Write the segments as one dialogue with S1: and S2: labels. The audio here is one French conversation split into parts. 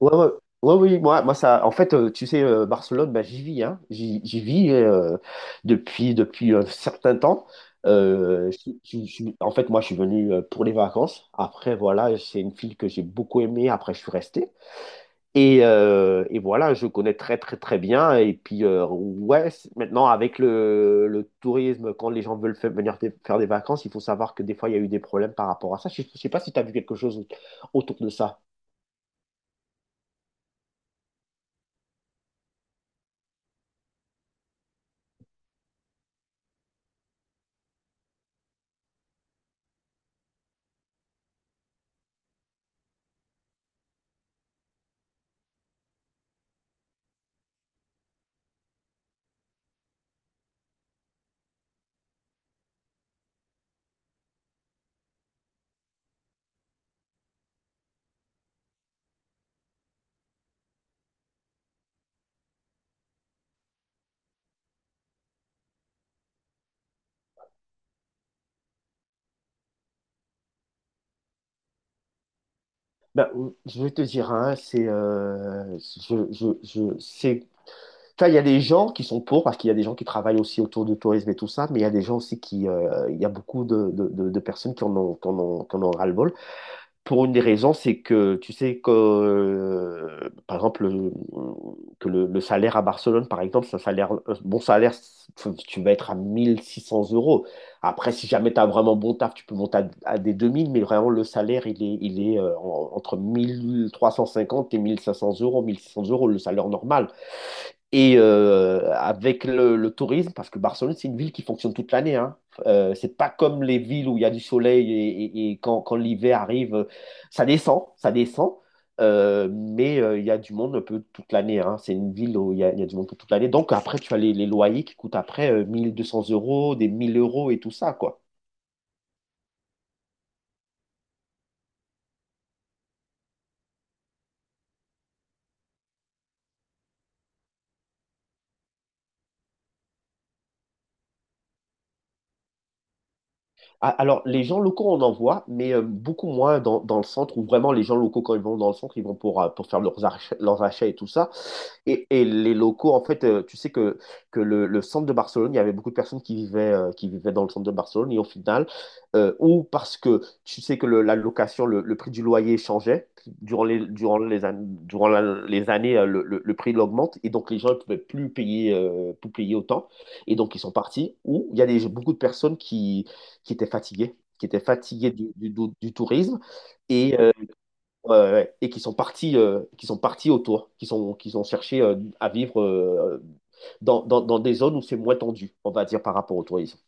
S1: Ouais, ouais. Ouais, oui, moi, moi ça, en fait, tu sais, Barcelone, bah, j'y vis, hein. J'y vis depuis un certain temps. En fait, moi, je suis venu pour les vacances. Après, voilà, c'est une ville que j'ai beaucoup aimée. Après, je suis resté. Et voilà, je connais très, très, très bien. Et puis, ouais, maintenant, avec le tourisme, quand les gens veulent venir faire des vacances, il faut savoir que des fois, il y a eu des problèmes par rapport à ça. Je ne sais pas si tu as vu quelque chose autour de ça. Bah, je vais te dire, hein, c'est, c'est, enfin, il y a des gens qui sont pour parce qu'il y a des gens qui travaillent aussi autour du tourisme et tout ça, mais il y a des gens aussi il y a beaucoup de personnes qui en ont, qui en ont, qui en ont ras-le-bol. Pour une des raisons, c'est que tu sais que, par exemple, que le salaire à Barcelone, par exemple, c'est un salaire, un bon salaire, tu vas être à 1 600 euros. Après, si jamais tu as vraiment bon taf, tu peux monter à, des 2 000 mais vraiment, le salaire, il est, entre 1 350 et 1 500 euros, 1 600 euros, le salaire normal. Et avec le tourisme, parce que Barcelone, c'est une ville qui fonctionne toute l'année, hein. C'est pas comme les villes où il y a du soleil et, et quand l'hiver arrive, ça descend, mais il y a du monde un peu toute l'année, hein. C'est une ville où il y a du monde pour toute l'année. Donc après, tu as les loyers qui coûtent après 1 200 euros, des 1 000 euros et tout ça, quoi. Ah, alors, les gens locaux, on en voit, mais beaucoup moins dans, le centre, où vraiment les gens locaux, quand ils vont dans le centre, ils vont pour faire leurs achats et tout ça. Et les locaux, en fait, tu sais que le centre de Barcelone, il y avait beaucoup de personnes qui vivaient, qui vivaient dans le centre de Barcelone. Et au final, ou parce que tu sais que la location, le prix du loyer changeait. Durant les années, le prix l'augmente. Et donc, les gens ne pouvaient plus payer autant. Et donc, ils sont partis. Ou il y a beaucoup de personnes qui étaient fatigués du tourisme et, ouais, ouais, ouais, qui sont partis autour, qui ont cherché à vivre dans des zones où c'est moins tendu, on va dire, par rapport au tourisme.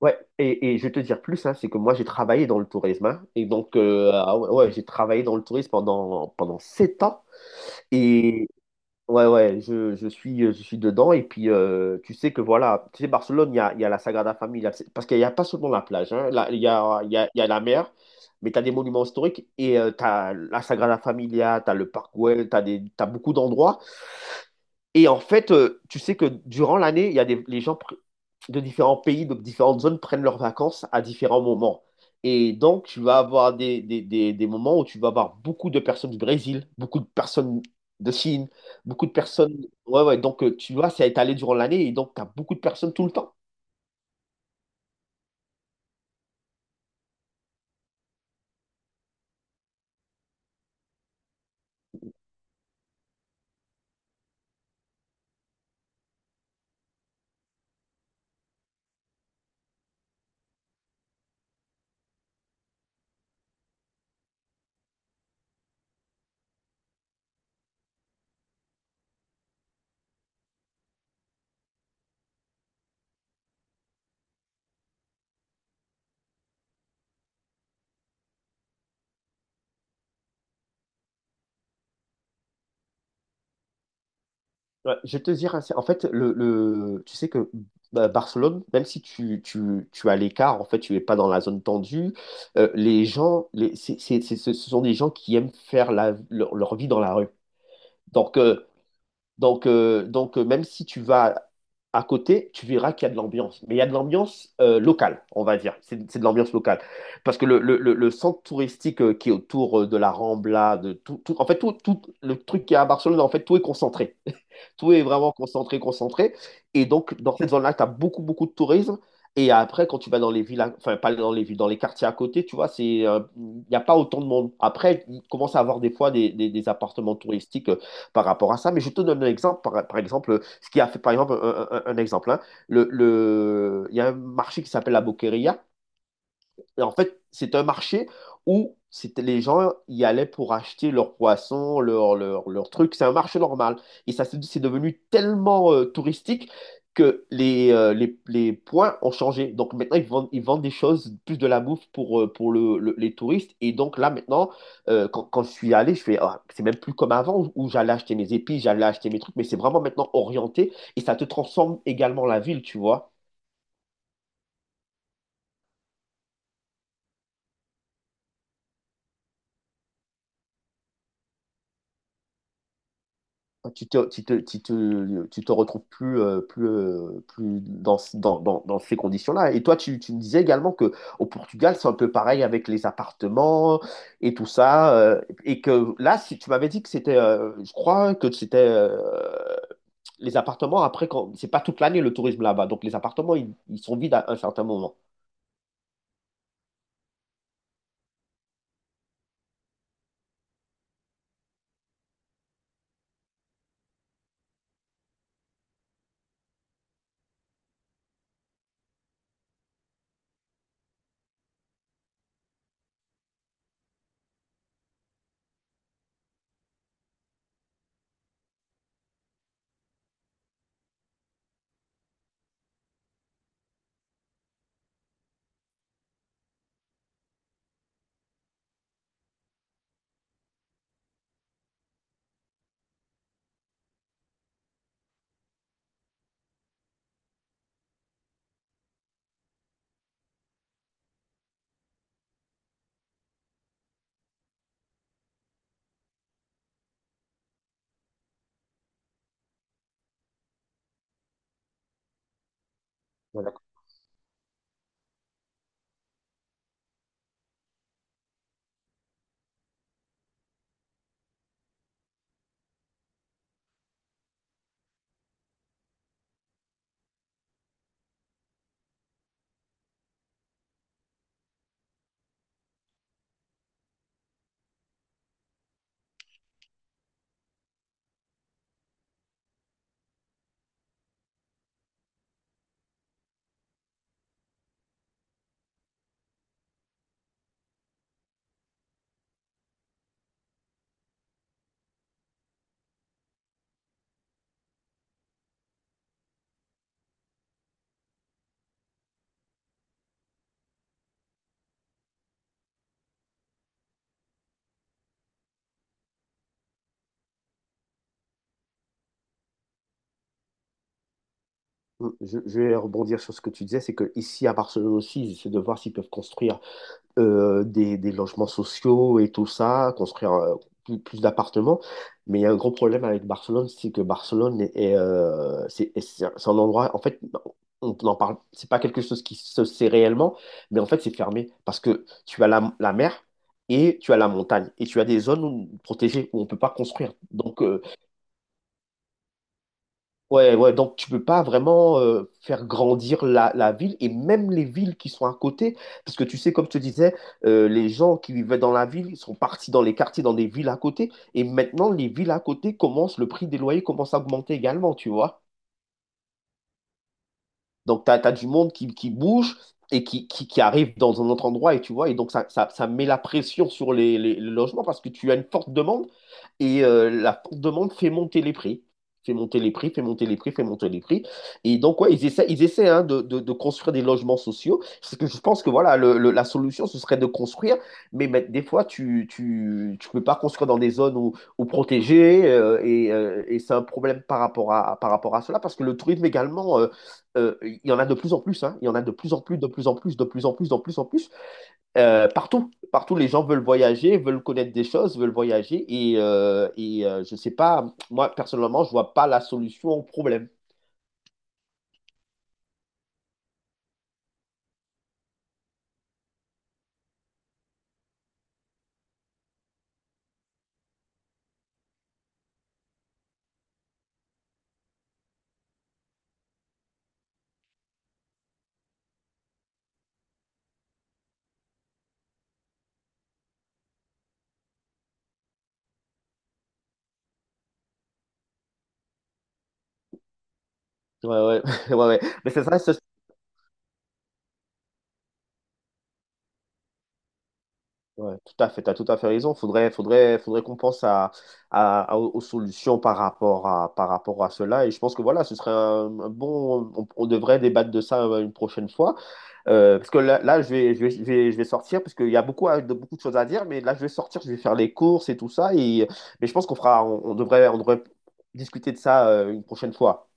S1: Ouais, et je vais te dire plus, hein, c'est que moi j'ai travaillé dans le tourisme, hein. Et donc ah ouais, ouais, j'ai travaillé dans le tourisme pendant 7 ans, et, Ouais, ouais, je suis dedans. Et puis, tu sais que voilà, tu sais, Barcelone, il y a la Sagrada Familia. Parce qu'il n'y a pas seulement la plage, hein. Là, il y a, il y a, il y a la mer, mais tu as des monuments historiques et tu as la Sagrada Familia, tu as le Parc Güell, t'as beaucoup d'endroits et en fait, tu sais que durant l'année, il y a des, les gens pr- de différents pays, de différentes zones prennent leurs vacances à différents moments. Et donc, tu vas avoir des moments où tu vas avoir beaucoup de personnes du Brésil, beaucoup de personnes de Chine, beaucoup de personnes. Ouais, ouais. Donc, tu vois, c'est étalé durant l'année et donc, tu as beaucoup de personnes tout le temps. Ouais, je vais te dire, en fait, tu sais que bah, Barcelone, même si tu as l'écart, en fait, tu n'es pas dans la zone tendue, les gens, ce sont des gens qui aiment faire leur vie dans la rue. Donc, euh, donc, même si tu vas à côté, tu verras qu'il y a de l'ambiance. Mais il y a de l'ambiance locale, on va dire. C'est de l'ambiance locale. Parce que le centre touristique qui est autour de la Rambla, en fait, tout le truc qui est à Barcelone, en fait, tout est concentré. Tout est vraiment concentré, concentré. Et donc, dans cette zone-là, tu as beaucoup, beaucoup de tourisme. Et après, quand tu vas dans les villes, enfin, pas dans les villes, dans les quartiers à côté, tu vois, il n'y a pas autant de monde. Après, il commence à avoir des fois des appartements touristiques par rapport à ça. Mais je te donne un exemple, par exemple, ce qui a fait, par exemple, un exemple, hein. Il y a un marché qui s'appelle la Boqueria, en fait, c'est un marché où les gens y allaient pour acheter leurs poissons, leur trucs. C'est un marché normal. Et ça, c'est devenu tellement touristique que les points ont changé. Donc maintenant, ils vendent des choses, plus de la bouffe pour les touristes. Et donc là, maintenant, quand je suis allé, je fais, Ah, c'est même plus comme avant où j'allais acheter mes épices, j'allais acheter mes trucs, mais c'est vraiment maintenant orienté et ça te transforme également la ville, tu vois. Tu te retrouves plus, plus dans ces conditions-là. Et toi, tu me disais également que au Portugal, c'est un peu pareil avec les appartements et tout ça. Et que là, si tu m'avais dit que je crois que c'était les appartements, après, c'est pas toute l'année le tourisme là-bas. Donc les appartements, ils sont vides à un certain moment. Voilà. Je vais rebondir sur ce que tu disais, c'est que ici à Barcelone aussi, ils essaient de voir s'ils peuvent construire des logements sociaux et tout ça, construire plus d'appartements. Mais il y a un gros problème avec Barcelone, c'est que Barcelone c'est un endroit, en fait, on n'en parle, c'est pas quelque chose qui se sait réellement, mais en fait, c'est fermé parce que tu as la mer et tu as la montagne et tu as des zones protégées où on peut pas construire. Donc, ouais, ouais, donc tu peux pas vraiment faire grandir la ville et même les villes qui sont à côté, parce que tu sais, comme je te disais, les gens qui vivaient dans la ville, ils sont partis dans les quartiers, dans des villes à côté, et maintenant les villes à côté commencent, le prix des loyers commence à augmenter également, tu vois. Donc tu as du monde qui bouge et qui arrive dans un autre endroit, et tu vois, et donc ça met la pression sur les logements parce que tu as une forte demande et la demande fait monter les prix. Fait monter les prix, fait monter les prix, fait monter les prix. Et donc, ouais, ils essaient, hein, de construire des logements sociaux. Parce que je pense que voilà, la solution, ce serait de construire. Mais des fois, tu peux pas construire dans des zones où protégées. Et c'est un problème par rapport à cela. Parce que le tourisme également, il y en a de plus en plus, hein. Il y en a de plus en plus, de plus en plus, de plus en plus, de plus en plus. Partout, partout, les gens veulent voyager, veulent connaître des choses, veulent voyager. Et, je sais pas, moi, personnellement, je vois pas la solution au problème. Ouais, ouais, ouais, ouais. Mais c'est ça, ouais, tout à fait, tu as tout à fait raison. Faudrait qu'on pense à, aux solutions par rapport à cela. Et je pense que voilà, ce serait un bon. On devrait débattre de ça une prochaine fois. Parce que là, je vais sortir, parce qu'il y a beaucoup, beaucoup de choses à dire, mais là, je vais sortir, je vais faire les courses et tout ça. Et, mais je pense qu'on fera, on devrait discuter de ça une prochaine fois.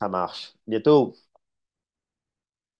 S1: Ça marche. Bientôt.